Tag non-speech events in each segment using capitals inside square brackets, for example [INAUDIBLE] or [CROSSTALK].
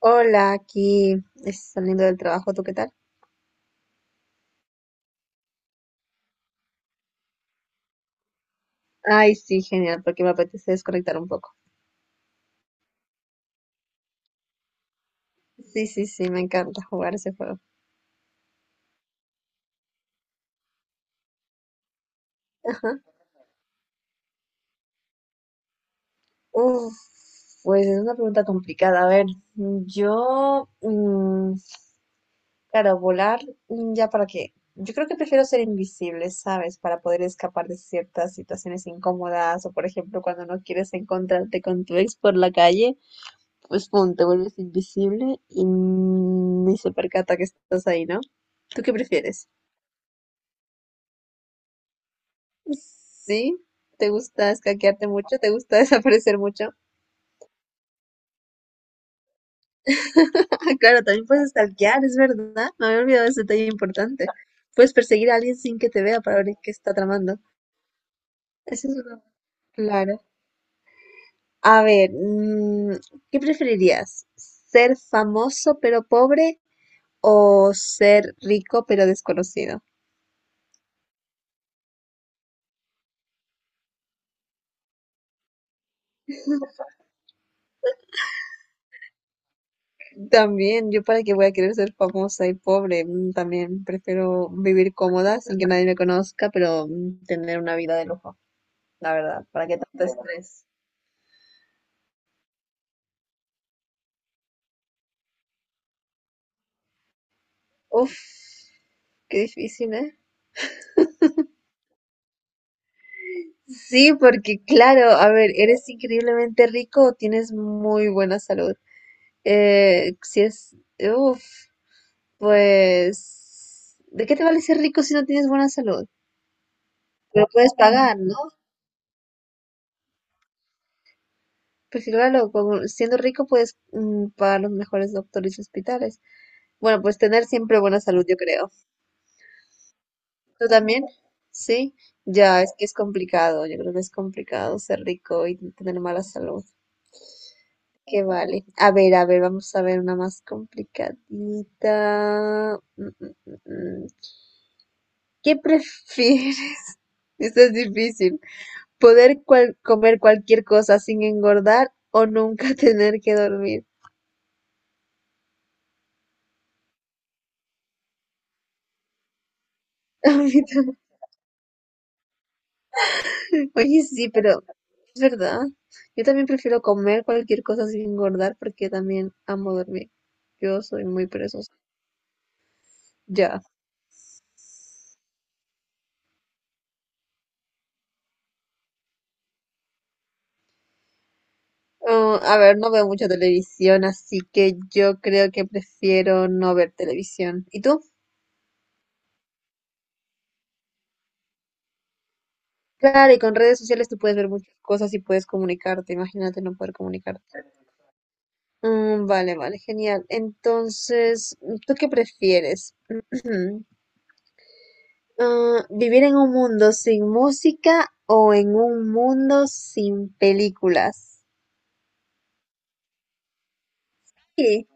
Hola, aquí saliendo del trabajo, ¿tú qué tal? Ay, sí, genial, porque me apetece desconectar un poco. Sí, sí, sí, me encanta jugar ese juego. Ajá. Uf, pues es una pregunta complicada. A ver, yo, claro, volar, ¿ya para qué? Yo creo que prefiero ser invisible, ¿sabes? Para poder escapar de ciertas situaciones incómodas o, por ejemplo, cuando no quieres encontrarte con tu ex por la calle. Pues pum, te vuelves invisible y ni se percata que estás ahí, ¿no? ¿Tú qué prefieres? ¿Sí? ¿Te gusta escaquearte mucho? ¿Te gusta [LAUGHS] desaparecer mucho? [LAUGHS] Ah, claro, también puedes stalkear, es verdad. Me había olvidado ese detalle importante. Puedes perseguir a alguien sin que te vea para ver qué está tramando. Eso es verdad. Claro. A ver, ¿qué preferirías? ¿Ser famoso pero pobre o ser rico pero desconocido? También, yo para qué voy a querer ser famosa y pobre, también prefiero vivir cómoda sin que nadie me conozca, pero tener una vida de lujo, la verdad, para qué tanto estrés. Uf, qué difícil, ¿eh? Sí, porque claro, a ver, eres increíblemente rico o tienes muy buena salud. Si es, uf, pues, ¿de qué te vale ser rico si no tienes buena salud? Te lo puedes pagar, ¿no? Pues sí, claro, como siendo rico puedes pagar los mejores doctores y hospitales. Bueno, pues tener siempre buena salud, yo creo. ¿Tú también? Sí, ya, es que es complicado, yo creo que es complicado ser rico y tener mala salud. Que vale. A ver, vamos a ver una más complicadita. Mm, mm, mm, mm. ¿Qué prefieres? [LAUGHS] Esto es difícil. ¿Poder comer cualquier cosa sin engordar o nunca [LAUGHS] tener que dormir? [LAUGHS] A mí también. Oye, sí, pero es verdad. Yo también prefiero comer cualquier cosa sin engordar porque también amo dormir. Yo soy muy perezosa. Ya. Ah, a ver, no veo mucha televisión, así que yo creo que prefiero no ver televisión. ¿Y tú? Claro, y con redes sociales tú puedes ver muchas cosas y puedes comunicarte. Imagínate no poder comunicarte. Vale, vale, genial. Entonces, ¿tú qué prefieres? [CLEARS THROAT] Ah, vivir en un mundo sin música o en un mundo sin películas. Sí.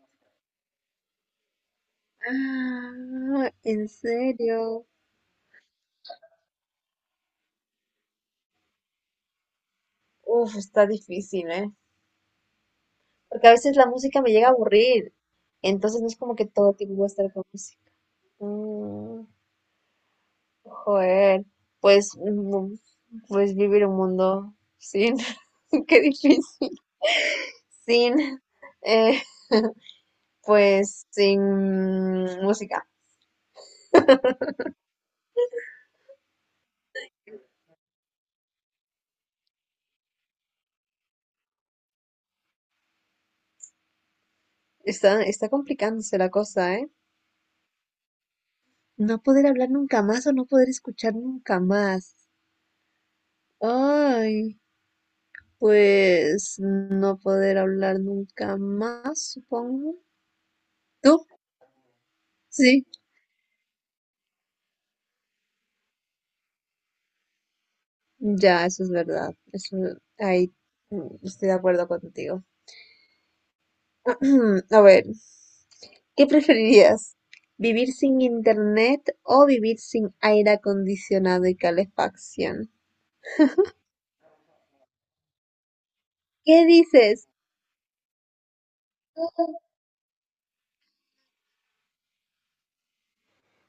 Ah, en serio. Uf, está difícil, ¿eh? Porque a veces la música me llega a aburrir. Entonces no es como que todo tiempo voy a estar con música. Mm, joder. Pues, pues vivir un mundo sin. [LAUGHS] Qué difícil. Sin. eh, pues sin música. Está, está complicándose la cosa, ¿eh? No poder hablar nunca más o no poder escuchar nunca más. Ay, pues no poder hablar nunca más, supongo. ¿Tú? Sí, ya, eso es verdad. Eso, ahí estoy de acuerdo contigo. [CLEARS THROAT] A ver, ¿qué preferirías? ¿Vivir sin internet o vivir sin aire acondicionado y calefacción? ¿Qué dices?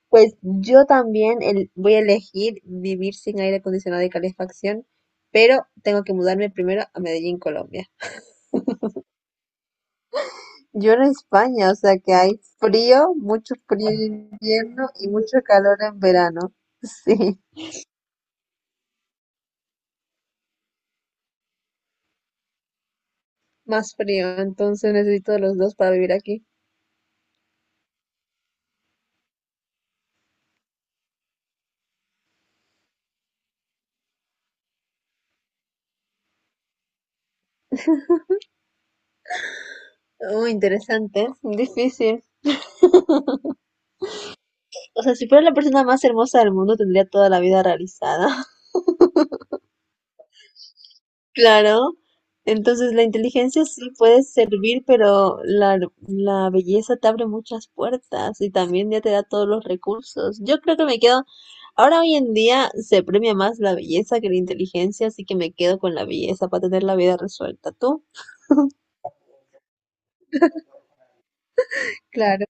Pues yo también voy a elegir vivir sin aire acondicionado y calefacción, pero tengo que mudarme primero a Medellín, Colombia. Yo en España, o sea que hay frío, mucho frío en invierno y mucho calor en verano. [LAUGHS] Sí, más frío, entonces necesito de los dos para vivir aquí. Muy interesante, difícil. O sea, si fuera la persona más hermosa del mundo, tendría toda la vida realizada. Claro, entonces la inteligencia sí puede servir, pero la belleza te abre muchas puertas y también ya te da todos los recursos. Yo creo que me quedo, ahora hoy en día se premia más la belleza que la inteligencia, así que me quedo con la belleza para tener la vida resuelta. ¿Tú? Claro,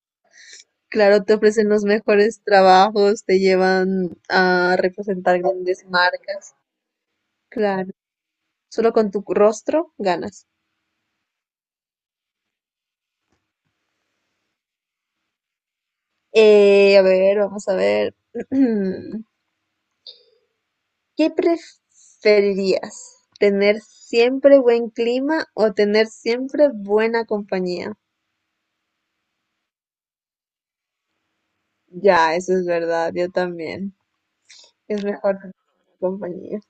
claro, te ofrecen los mejores trabajos, te llevan a representar grandes marcas. Claro, solo con tu rostro ganas. A ver, vamos a ver. [CLEARS THROAT] ¿Qué preferirías, tener siempre buen clima o tener siempre buena compañía? Ya, eso es verdad, yo también. Es mejor tener buena compañía.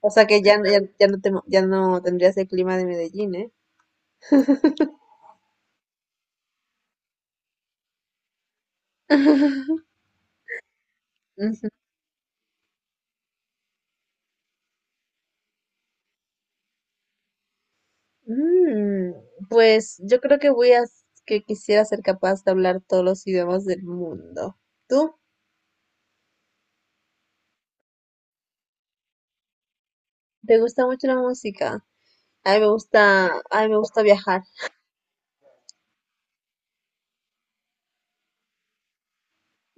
O sea que ya, ya, ya no te, ya no tendrías el clima de Medellín, ¿eh? Ujú. Mm, pues yo creo que voy a que quisiera ser capaz de hablar todos los idiomas del mundo. ¿Tú? ¿Te gusta mucho la música? A mí me gusta viajar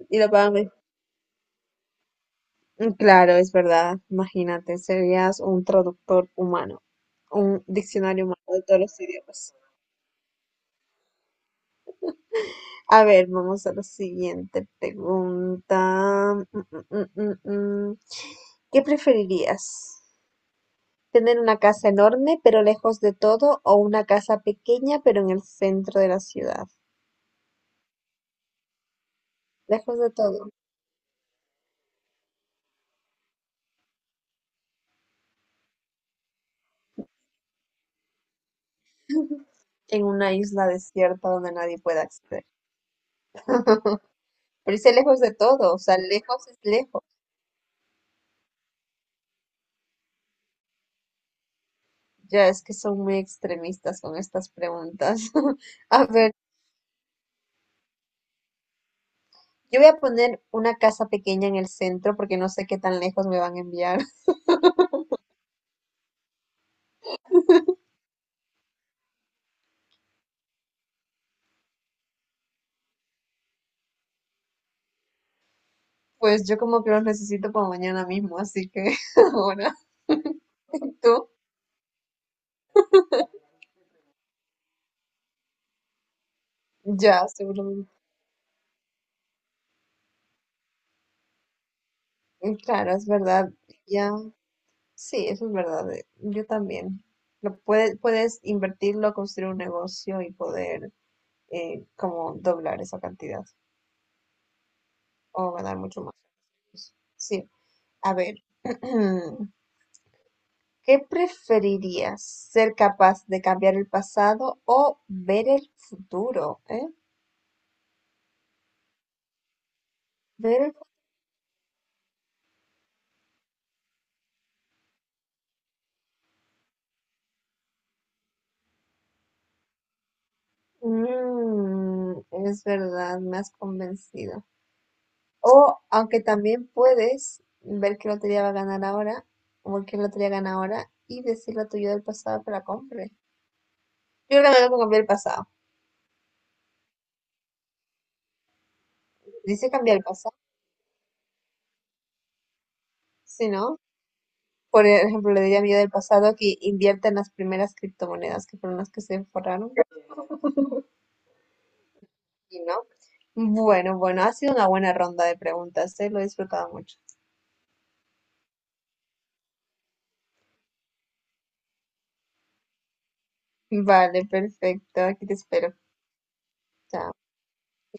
y lo pago. Claro, es verdad. Imagínate, serías un traductor humano, un diccionario humano de todos los idiomas. A ver, vamos a la siguiente pregunta. Mm, mm, mm, mm, mm. ¿Qué preferirías? ¿Tener una casa enorme pero lejos de todo o una casa pequeña pero en el centro de la ciudad? Lejos de todo, en una isla desierta donde nadie pueda acceder. [LAUGHS] Pero dice lejos de todo, o sea, lejos es lejos. Ya es que son muy extremistas con estas preguntas. [LAUGHS] A ver, yo voy a poner una casa pequeña en el centro porque no sé qué tan lejos me van a enviar. [LAUGHS] Pues yo como que los necesito para mañana mismo, así que [LAUGHS] ahora [LAUGHS] tú ya, seguramente. Claro, es verdad. Ya, sí, eso es verdad. Yo también. Lo puedes, puedes invertirlo, construir un negocio y poder como doblar esa cantidad o ganar mucho más. Sí, a ver. [CLEARS THROAT] ¿Qué preferirías? ¿Ser capaz de cambiar el pasado o ver el futuro? ¿Eh? Ver mm, es verdad, me has convencido. O, aunque también puedes ver qué lotería va a ganar ahora, o qué lotería gana ahora, y decirle a tu yo del pasado que la compre. Yo creo que me tengo que cambiar el pasado. Dice cambiar el pasado, si no. Por ejemplo, le diría a mi yo del pasado que invierta en las primeras criptomonedas, que fueron las que se forraron. Y no. Bueno, bueno, ha sido una buena ronda de preguntas, ¿eh? Lo he disfrutado mucho. Vale, perfecto. Aquí te espero. Chao.